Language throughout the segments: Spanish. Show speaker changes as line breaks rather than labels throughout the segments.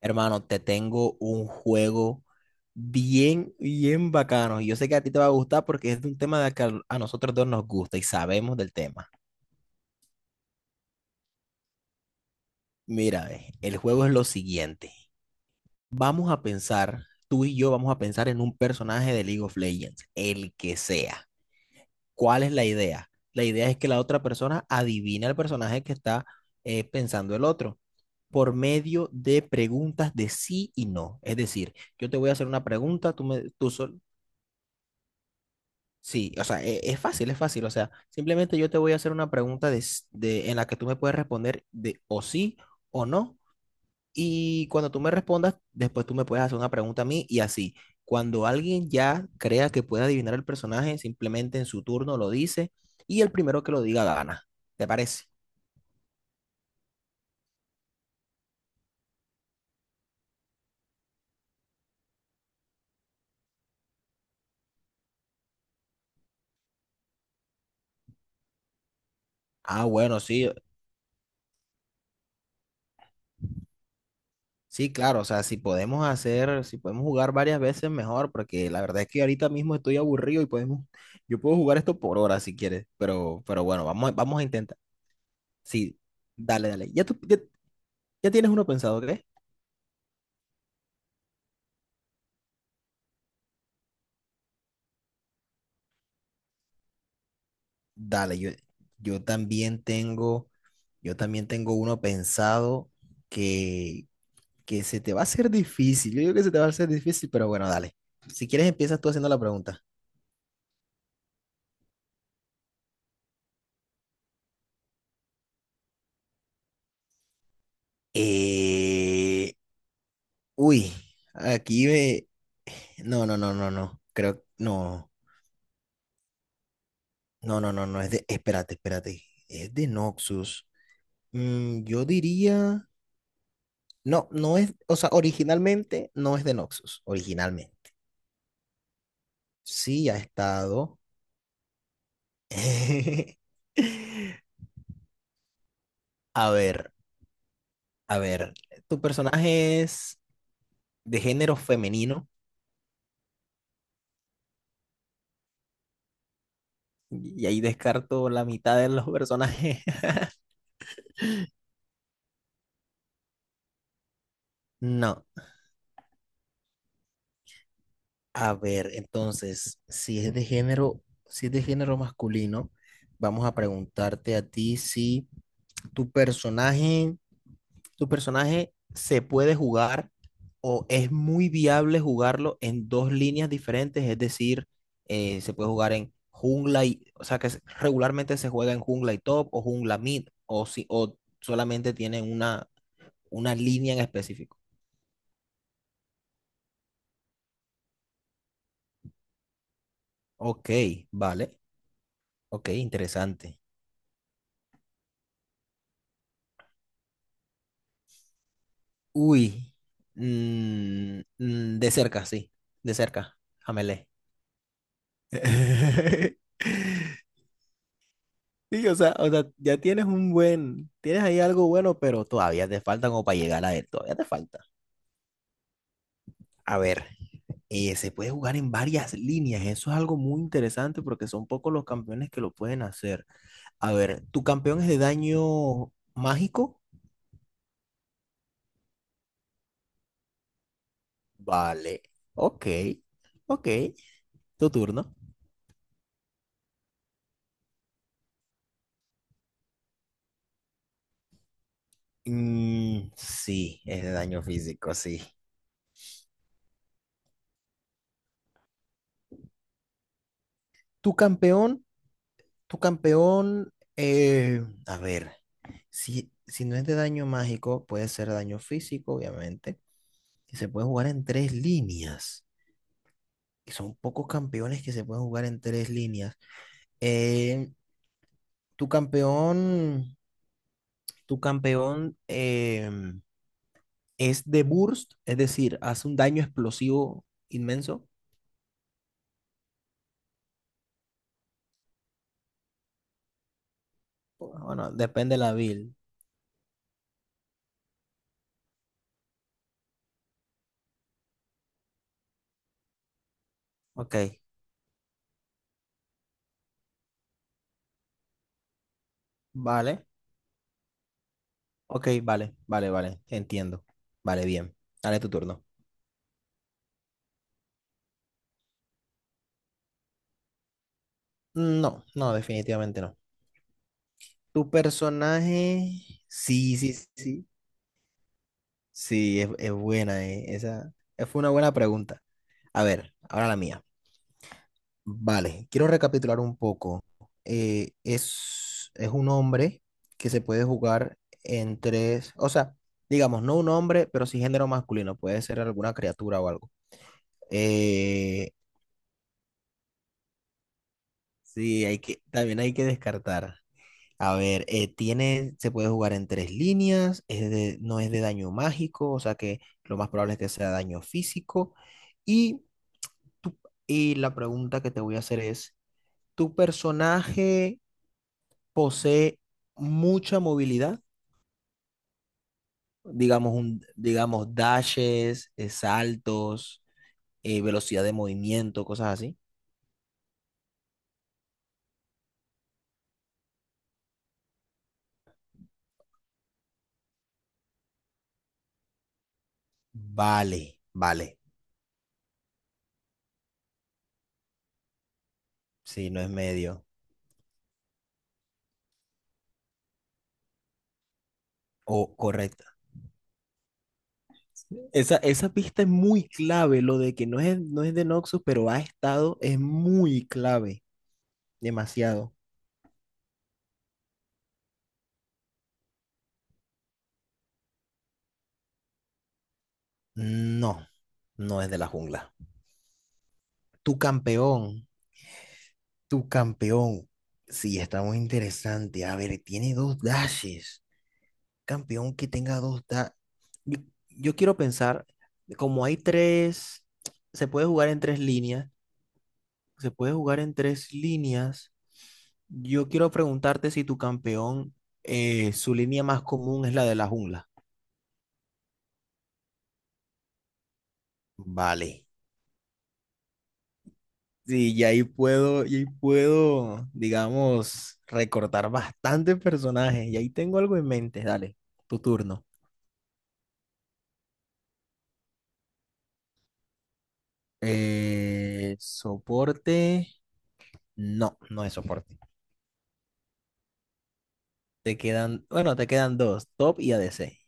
Hermano, te tengo un juego bien, bien bacano. Y yo sé que a ti te va a gustar porque es de un tema de que a nosotros dos nos gusta y sabemos del tema. Mira, ve, el juego es lo siguiente. Vamos a pensar, tú y yo vamos a pensar en un personaje de League of Legends, el que sea. ¿Cuál es la idea? La idea es que la otra persona adivina el personaje que está pensando el otro por medio de preguntas de sí y no. Es decir, yo te voy a hacer una pregunta, tú, me, tú, sol- Sí, o sea, es fácil, es fácil. O sea, simplemente yo te voy a hacer una pregunta de, en la que tú me puedes responder de o sí o no. Y cuando tú me respondas, después tú me puedes hacer una pregunta a mí y así. Cuando alguien ya crea que puede adivinar el personaje, simplemente en su turno lo dice y el primero que lo diga gana. ¿Te parece? Ah, bueno, sí. Sí, claro, o sea, si podemos hacer, si podemos jugar varias veces mejor, porque la verdad es que ahorita mismo estoy aburrido y podemos, yo puedo jugar esto por horas si quieres, pero bueno, vamos, vamos a intentar. Sí, dale, dale. Ya tienes uno pensado, ¿qué? Dale, yo también tengo, yo también tengo uno pensado que, que se te va a hacer difícil. Yo digo que se te va a hacer difícil, pero bueno, dale. Si quieres, empiezas tú haciendo la pregunta. Eh, uy, aquí me, No, no, no, no, no. No, no, no, no. Es de, espérate, espérate. Es de Noxus. Mm, yo diría, no, no es, o sea, originalmente no es de Noxus, originalmente. Sí ha estado. A ver, a ver. Tu personaje es de género femenino, y ahí descarto la mitad de los personajes. No. A ver, entonces, si es de género, si es de género masculino, vamos a preguntarte a ti si tu personaje, tu personaje se puede jugar o es muy viable jugarlo en dos líneas diferentes, es decir, se puede jugar en jungla y, o sea, que regularmente se juega en jungla y top o jungla mid o si o solamente tienen una línea en específico. Ok, vale. Ok, interesante. Uy, de cerca, sí, de cerca, Amelé. Sí, o sea, ya tienes un buen, tienes ahí algo bueno, pero todavía te falta como para llegar a él, todavía te falta. A ver, se puede jugar en varias líneas, eso es algo muy interesante porque son pocos los campeones que lo pueden hacer. A ver, ¿tu campeón es de daño mágico? Vale, ok, ok, tu turno. Mm, sí, es de daño físico, sí. Tu campeón, tu campeón, a ver, si, si no es de daño mágico, puede ser daño físico, obviamente, que se puede jugar en tres líneas, que son pocos campeones que se pueden jugar en tres líneas. Eh, tu campeón, tu campeón es de burst, es decir, hace un daño explosivo inmenso. Bueno, depende de la build. Ok, vale. Ok, vale, vale, vale, entiendo. Vale, bien. Dale tu turno. No, no, definitivamente no. Tu personaje, sí, sí, sí, sí, es buena, esa fue una buena pregunta. A ver, ahora la mía. Vale, quiero recapitular un poco. Es un hombre que se puede jugar en tres, o sea, digamos, no un hombre, pero sí género masculino, puede ser alguna criatura o algo. Eh, sí, hay que, también hay que descartar. A ver, se puede jugar en tres líneas, no es de daño mágico, o sea que lo más probable es que sea daño físico. Y, tu- y la pregunta que te voy a hacer es, ¿tu personaje posee mucha movilidad? Digamos, un, digamos dashes, saltos, velocidad de movimiento, cosas así. Vale, vale, sí, no es medio. O esa pista es muy clave, lo de que no es, no es de Noxus, pero ha estado, es muy clave, demasiado. No, no es de la jungla. Tu campeón, tu campeón. Sí, está muy interesante. A ver, tiene dos dashes. Campeón que tenga dos dashes. Yo, yo quiero pensar, como hay tres, se puede jugar en tres líneas, se puede jugar en tres líneas. Yo quiero preguntarte si su línea más común es la de la jungla. Vale. Sí, y ahí puedo, digamos, recortar bastantes personajes. Y ahí tengo algo en mente. Dale, tu turno. Soporte. No, no es soporte. Te quedan, bueno, te quedan dos, top y ADC.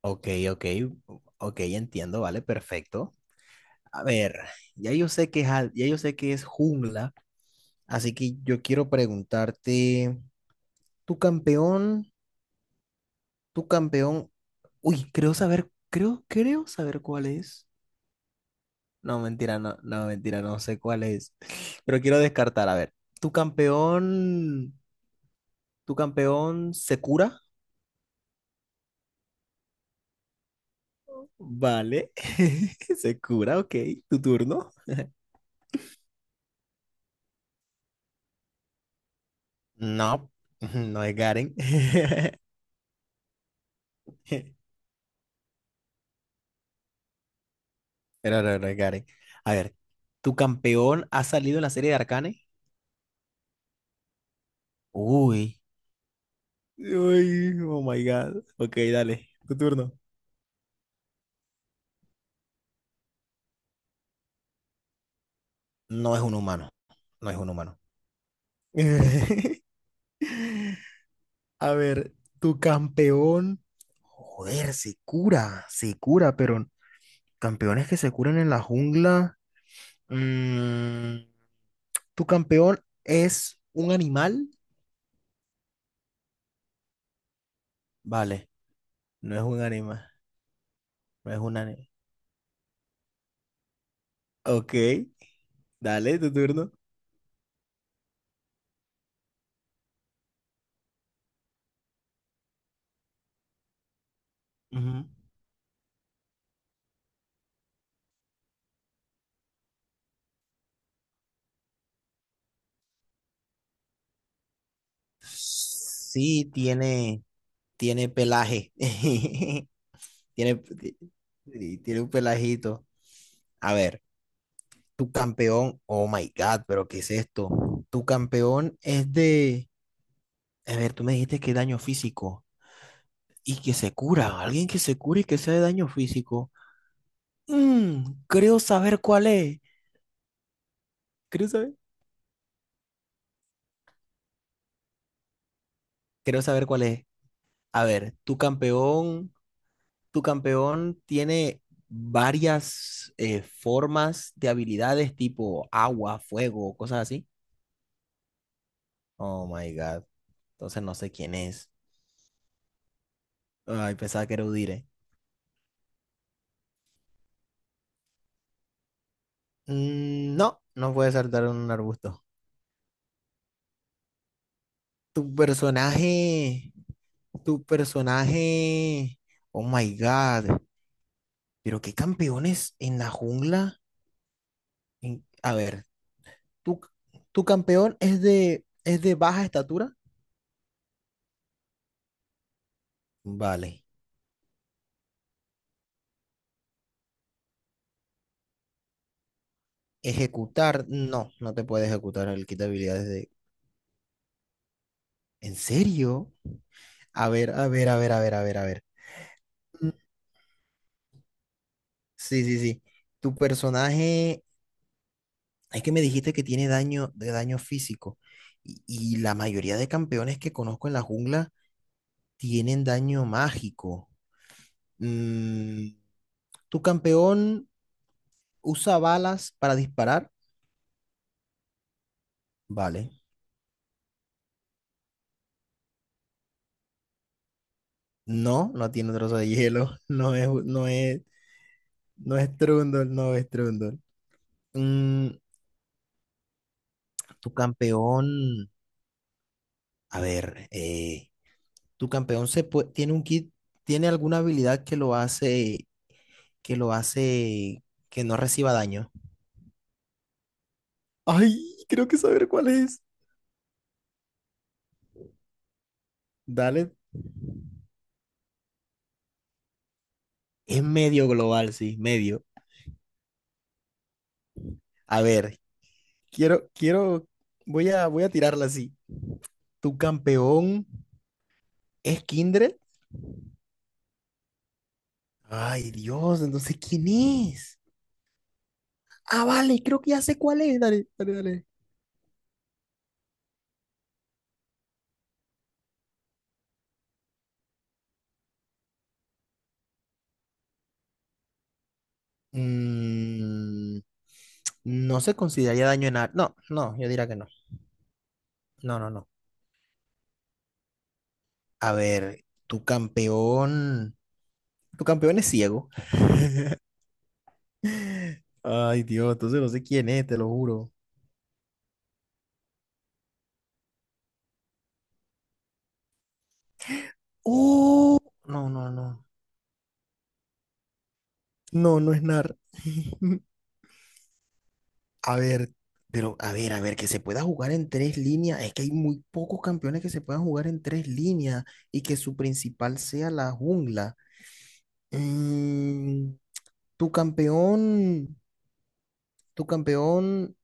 Ok, ok, ok, entiendo, vale, perfecto. A ver, ya yo sé que es, ya yo sé que es jungla. Así que yo quiero preguntarte, tu campeón, tu campeón, uy, creo saber, creo saber cuál es. No, mentira, no, no, mentira, no sé cuál es. Pero quiero descartar, a ver, tu campeón, tu campeón se cura, vale, se cura, ok, tu turno. No, no es Garen. Pero no, no es Garen. A ver, ¿tu campeón ha salido en la serie de Arcane? Uy. Uy, oh my God. Ok, dale, tu turno. No es un humano. No es un humano. A ver, tu campeón. Joder, se cura, pero campeones que se curan en la jungla. Mm, ¿tu campeón es un animal? Vale, no es un animal. No es un animal. Ok, dale, tu turno. Ujú. Sí, tiene, tiene pelaje. Tiene, y tiene un pelajito. A ver, tu campeón, oh my God, pero ¿qué es esto? Tu campeón es de, a ver, tú me dijiste que daño físico y que se cura, alguien que se cure y que sea de daño físico. Mm, creo saber cuál es. Creo saber. Creo saber cuál es. A ver, tu campeón tiene varias formas de habilidades tipo agua, fuego, cosas así. Oh my God. Entonces no sé quién es. Ay, pensaba que era Udire. Mm, no, no puede saltar en un arbusto. Tu personaje. Tu personaje. Oh my God. Pero qué campeones en la jungla. A ver, tu, tu campeón es de baja estatura. Vale. Ejecutar. No, no te puede ejecutar el kit de habilidades de. ¿En serio? A ver, a ver, a ver, a ver, a ver, a ver. Mm, sí, sí, sí. Tu personaje, es que me dijiste que tiene daño de daño físico y la mayoría de campeones que conozco en la jungla tienen daño mágico. Mm, ¿tu campeón usa balas para disparar? Vale. No, no tiene trozo de hielo, no es, no es, no es Trundle, no es Trundle. Mm, tu campeón, a ver, tu campeón se pue- tiene un kit, tiene alguna habilidad que lo hace, que lo hace que no reciba daño. Ay, creo que saber cuál es. Dale. Es medio global, sí, medio. A ver, quiero, quiero, voy a, voy a tirarla así. ¿Tu campeón es Kindred? Ay, Dios, entonces, ¿quién es? Ah, vale, creo que ya sé cuál es. Dale, dale, dale. Mm, no se consideraría no, no, yo diría que no. No, no, no. A ver, tu campeón es ciego. Ay, Dios, entonces no sé quién es, te lo juro. Oh, no, no, no. No, no es NAR. A ver, pero a ver, que se pueda jugar en tres líneas. Es que hay muy pocos campeones que se puedan jugar en tres líneas y que su principal sea la jungla. Mm, tu campeón, tu campeón,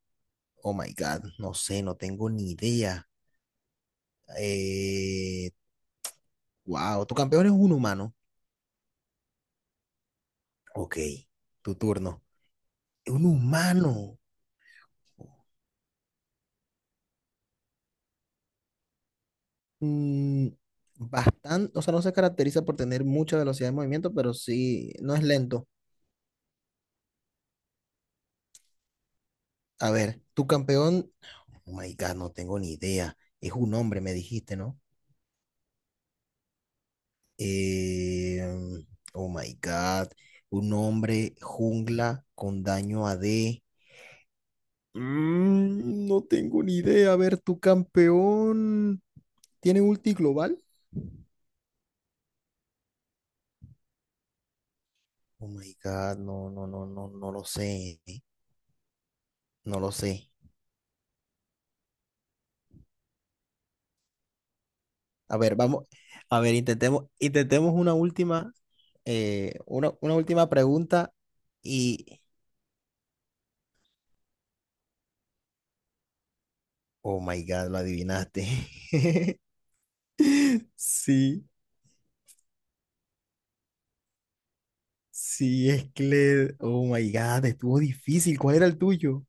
oh my God, no sé, no tengo ni idea. Eh, wow, tu campeón es un humano. Ok, tu turno. Un humano. Mm, bastante, o sea, no se caracteriza por tener mucha velocidad de movimiento, pero sí, no es lento. A ver, tu campeón, oh my God, no tengo ni idea. Es un hombre, me dijiste, ¿no? Eh, oh my God, un hombre jungla con daño AD. Mm, no tengo ni idea. A ver, tu campeón tiene ulti global. Oh my God, no, no, no, no, no lo sé, no lo sé. A ver, vamos, a ver, intentemos, intentemos una última, una última pregunta y, oh my God, lo adivinaste. Sí, sí, es Cled. Oh my God, estuvo difícil. ¿Cuál era el tuyo?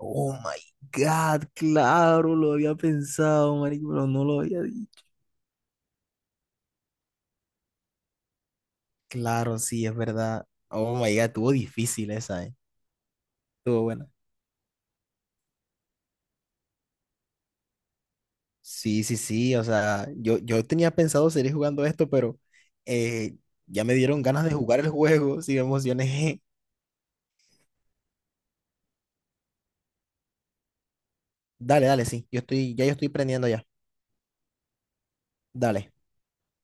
Oh my God, claro, lo había pensado, marico, pero no lo había dicho. Claro, sí, es verdad. Oh my God, estuvo difícil esa, ¿eh? Estuvo buena. Sí, sí, sí, o sea, yo tenía pensado seguir jugando esto, pero eh, ya me dieron ganas de jugar el juego, sí me emocioné. Dale, dale, sí, yo estoy, ya yo estoy prendiendo ya. Dale.